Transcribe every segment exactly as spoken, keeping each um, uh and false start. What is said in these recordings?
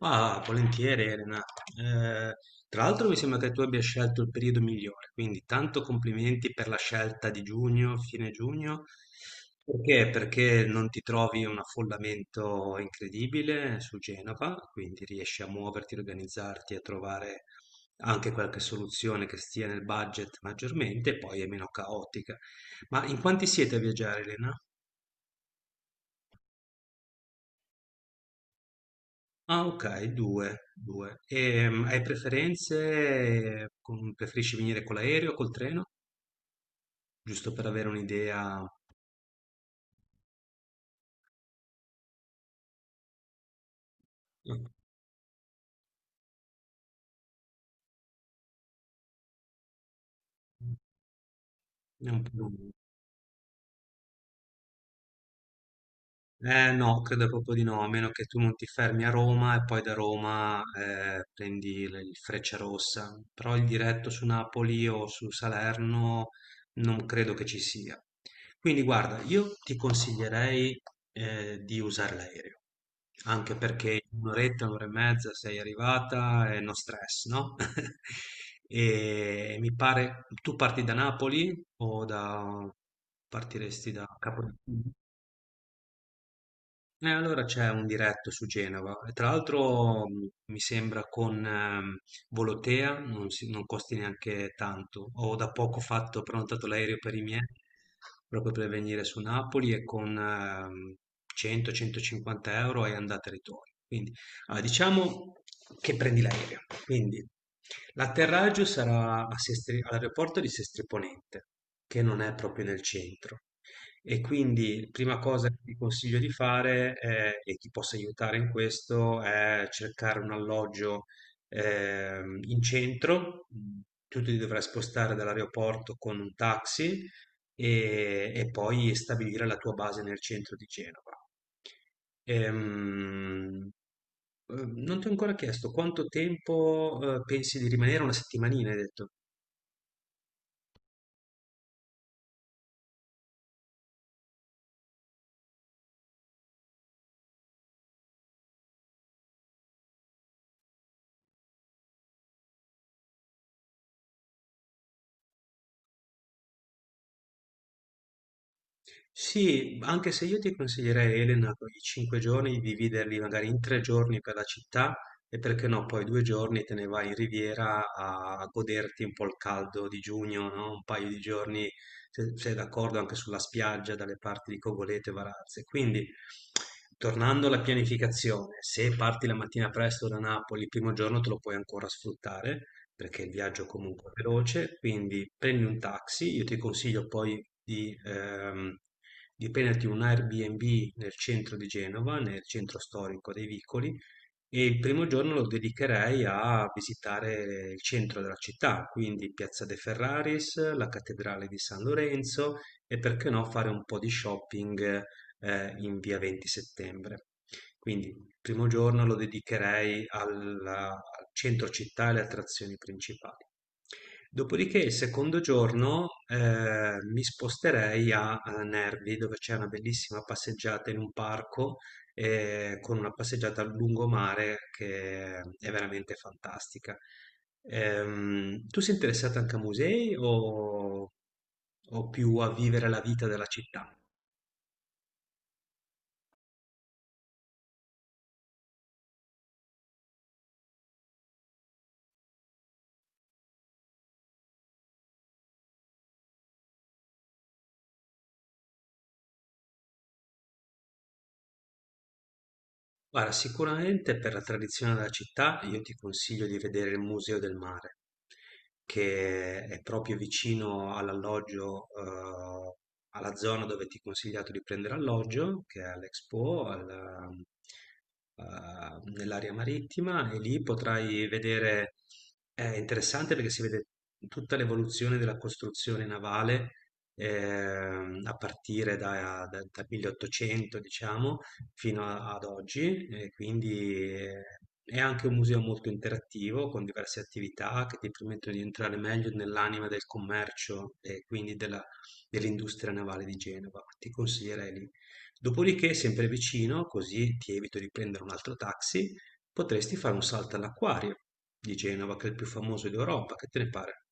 Ah, volentieri Elena. Eh, Tra l'altro mi sembra che tu abbia scelto il periodo migliore, quindi tanto complimenti per la scelta di giugno, fine giugno. Perché? Perché non ti trovi un affollamento incredibile su Genova, quindi riesci a muoverti, organizzarti, a trovare anche qualche soluzione che stia nel budget maggiormente, e poi è meno caotica. Ma in quanti siete a viaggiare, Elena? Ah, okay, due, due. Ehm, hai preferenze con preferisci venire con l'aereo o col treno? Giusto per avere un'idea. Mh. È un po' lungo. Eh no, credo proprio di no, a meno che tu non ti fermi a Roma e poi da Roma eh, prendi il il Frecciarossa, però il diretto su Napoli o su Salerno non credo che ci sia. Quindi guarda, io ti consiglierei eh, di usare l'aereo, anche perché in un'oretta, un'ora e mezza sei arrivata e no stress, no? E mi pare, tu parti da Napoli o da... partiresti da Capodichino? Eh, allora c'è un diretto su Genova, e tra l'altro mh, mi sembra con ehm, Volotea, non, si- non costi neanche tanto. Ho da poco fatto, ho prenotato l'aereo per i miei, proprio per venire su Napoli e con ehm, cento-centocinquanta euro è andata e ritorno. Quindi allora, diciamo che prendi l'aereo, quindi l'atterraggio sarà a Sestri- all'aeroporto di Sestri Ponente, che non è proprio nel centro. E quindi prima cosa che ti consiglio di fare eh, e ti possa aiutare in questo è cercare un alloggio ehm, in centro. Mm. Tu ti dovrai spostare dall'aeroporto con un taxi e, e poi stabilire la tua base nel centro di Genova. Ehm, eh, Non ti ho ancora chiesto quanto tempo eh, pensi di rimanere? Una settimanina, hai detto. Sì, anche se io ti consiglierei, Elena, quei cinque giorni di dividerli magari in tre giorni per la città e perché no, poi due giorni te ne vai in riviera a a goderti un po' il caldo di giugno, no? Un paio di giorni, se sei d'accordo, anche sulla spiaggia, dalle parti di Cogoleto e Varazze. Quindi, tornando alla pianificazione, se parti la mattina presto da Napoli, il primo giorno te lo puoi ancora sfruttare perché il viaggio comunque è veloce, quindi prendi un taxi, io ti consiglio poi di, ehm, di prenderti un Airbnb nel centro di Genova, nel centro storico dei Vicoli, e il primo giorno lo dedicherei a visitare il centro della città, quindi Piazza De Ferraris, la Cattedrale di San Lorenzo e perché no fare un po' di shopping eh, in via venti settembre. Quindi il primo giorno lo dedicherei alla- al centro città e alle attrazioni principali. Dopodiché il secondo giorno eh, mi sposterei a, a Nervi, dove c'è una bellissima passeggiata in un parco eh, con una passeggiata al lungomare che è veramente fantastica. Ehm, tu sei interessato anche a musei o, o più a vivere la vita della città? Guarda, sicuramente per la tradizione della città io ti consiglio di vedere il Museo del Mare, che è proprio vicino all'alloggio, eh, alla zona dove ti ho consigliato di prendere alloggio, che è all'Expo, alla- eh, nell'area marittima, e lì potrai vedere, è interessante perché si vede tutta l'evoluzione della costruzione navale, ehm, a partire da, da- dal milleottocento, diciamo fino a- ad oggi, e quindi eh, è anche un museo molto interattivo con diverse attività che ti permettono di entrare meglio nell'anima del commercio e quindi della- dell'industria navale di Genova. Ti consiglierei lì. Dopodiché, sempre vicino, così ti evito di prendere un altro taxi, potresti fare un salto all'acquario di Genova, che è il più famoso d'Europa. Che te ne pare?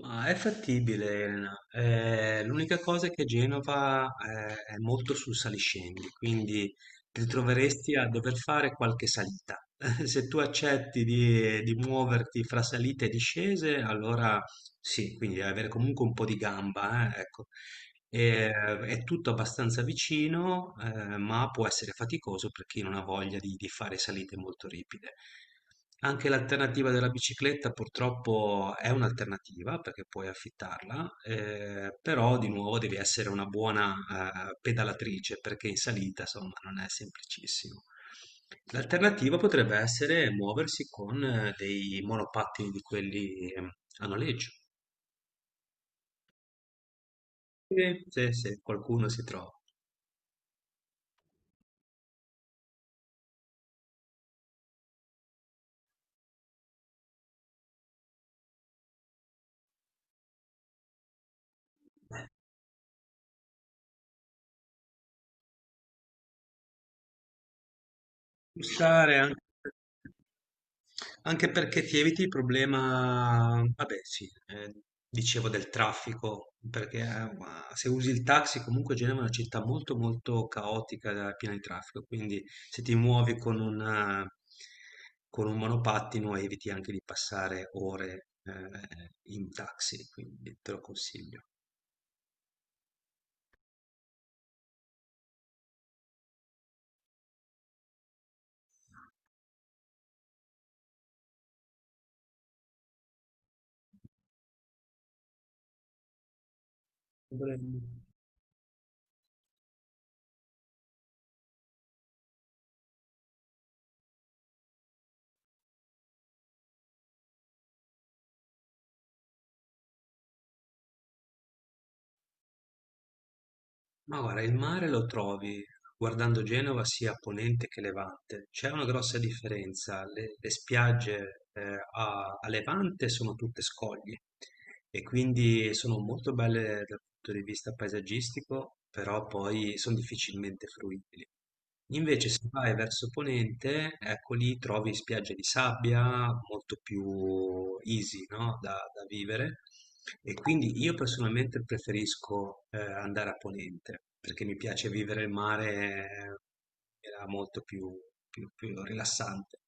Ma è fattibile, Elena. Eh, l'unica cosa è che Genova, eh, è molto sul saliscendi, quindi ti ritroveresti a dover fare qualche salita. Se tu accetti di, di muoverti fra salite e discese, allora sì, quindi devi avere comunque un po' di gamba, eh, ecco. E- è tutto abbastanza vicino, eh, ma può essere faticoso per chi non ha voglia di, di fare salite molto ripide. Anche l'alternativa della bicicletta purtroppo è un'alternativa perché puoi affittarla, eh, però di nuovo devi essere una buona, eh, pedalatrice perché in salita, insomma, non è semplicissimo. L'alternativa potrebbe essere muoversi con eh, dei monopattini di quelli eh, a noleggio. Sì, sì, se qualcuno si trova. Bussare anche, anche perché ti eviti il problema, vabbè sì, eh, dicevo del traffico, perché eh, ma se usi il taxi comunque Genova è una città molto molto caotica, eh, piena di traffico, quindi se ti muovi con una- con un monopattino eviti anche di passare ore eh, in taxi, quindi te lo consiglio. Dovremmo. Ma guarda, il mare lo trovi guardando Genova sia a ponente che levante. C'è una grossa differenza. Le, le spiagge eh, a, a levante sono tutte scogli e quindi sono molto belle dal punto di vista paesaggistico, però poi sono difficilmente fruibili. Invece se vai verso ponente, ecco lì trovi spiagge di sabbia molto più easy, no? Da, da vivere e quindi io personalmente preferisco eh, andare a ponente perché mi piace vivere il mare eh, in maniera molto più, più- più rilassante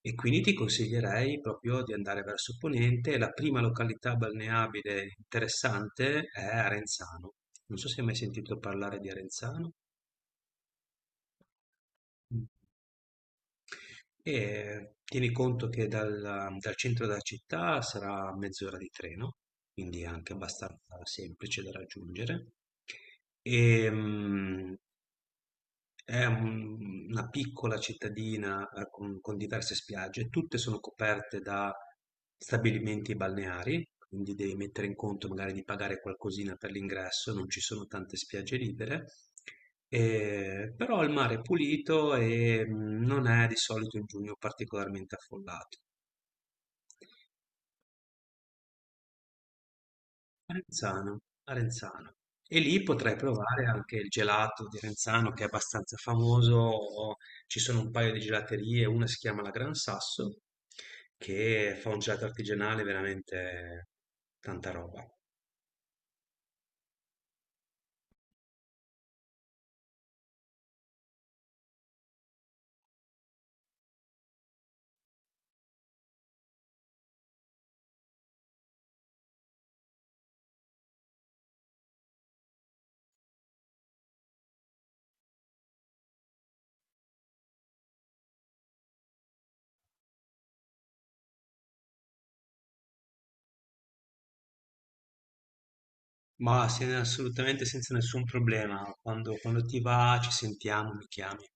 e quindi ti consiglierei proprio di andare verso ponente. La prima località balneabile interessante è Arenzano. Non so se hai mai sentito parlare di Arenzano. Mm. E tieni conto che dal, dal centro della città sarà mezz'ora di treno, quindi è anche abbastanza semplice da raggiungere. E, mm, è un- una piccola cittadina eh, con, con diverse spiagge, tutte sono coperte da stabilimenti balneari, quindi devi mettere in conto magari di pagare qualcosina per l'ingresso, non ci sono tante spiagge libere. Eh, però il mare è pulito e mm, non è di solito in giugno particolarmente affollato. Renzano, a Renzano. E lì potrai provare anche il gelato di Renzano che è abbastanza famoso. Ci sono un paio di gelaterie, una si chiama La Gran Sasso, che fa un gelato artigianale veramente tanta roba. Ma se- assolutamente senza nessun problema. Quando, quando ti va, ci sentiamo, mi chiami.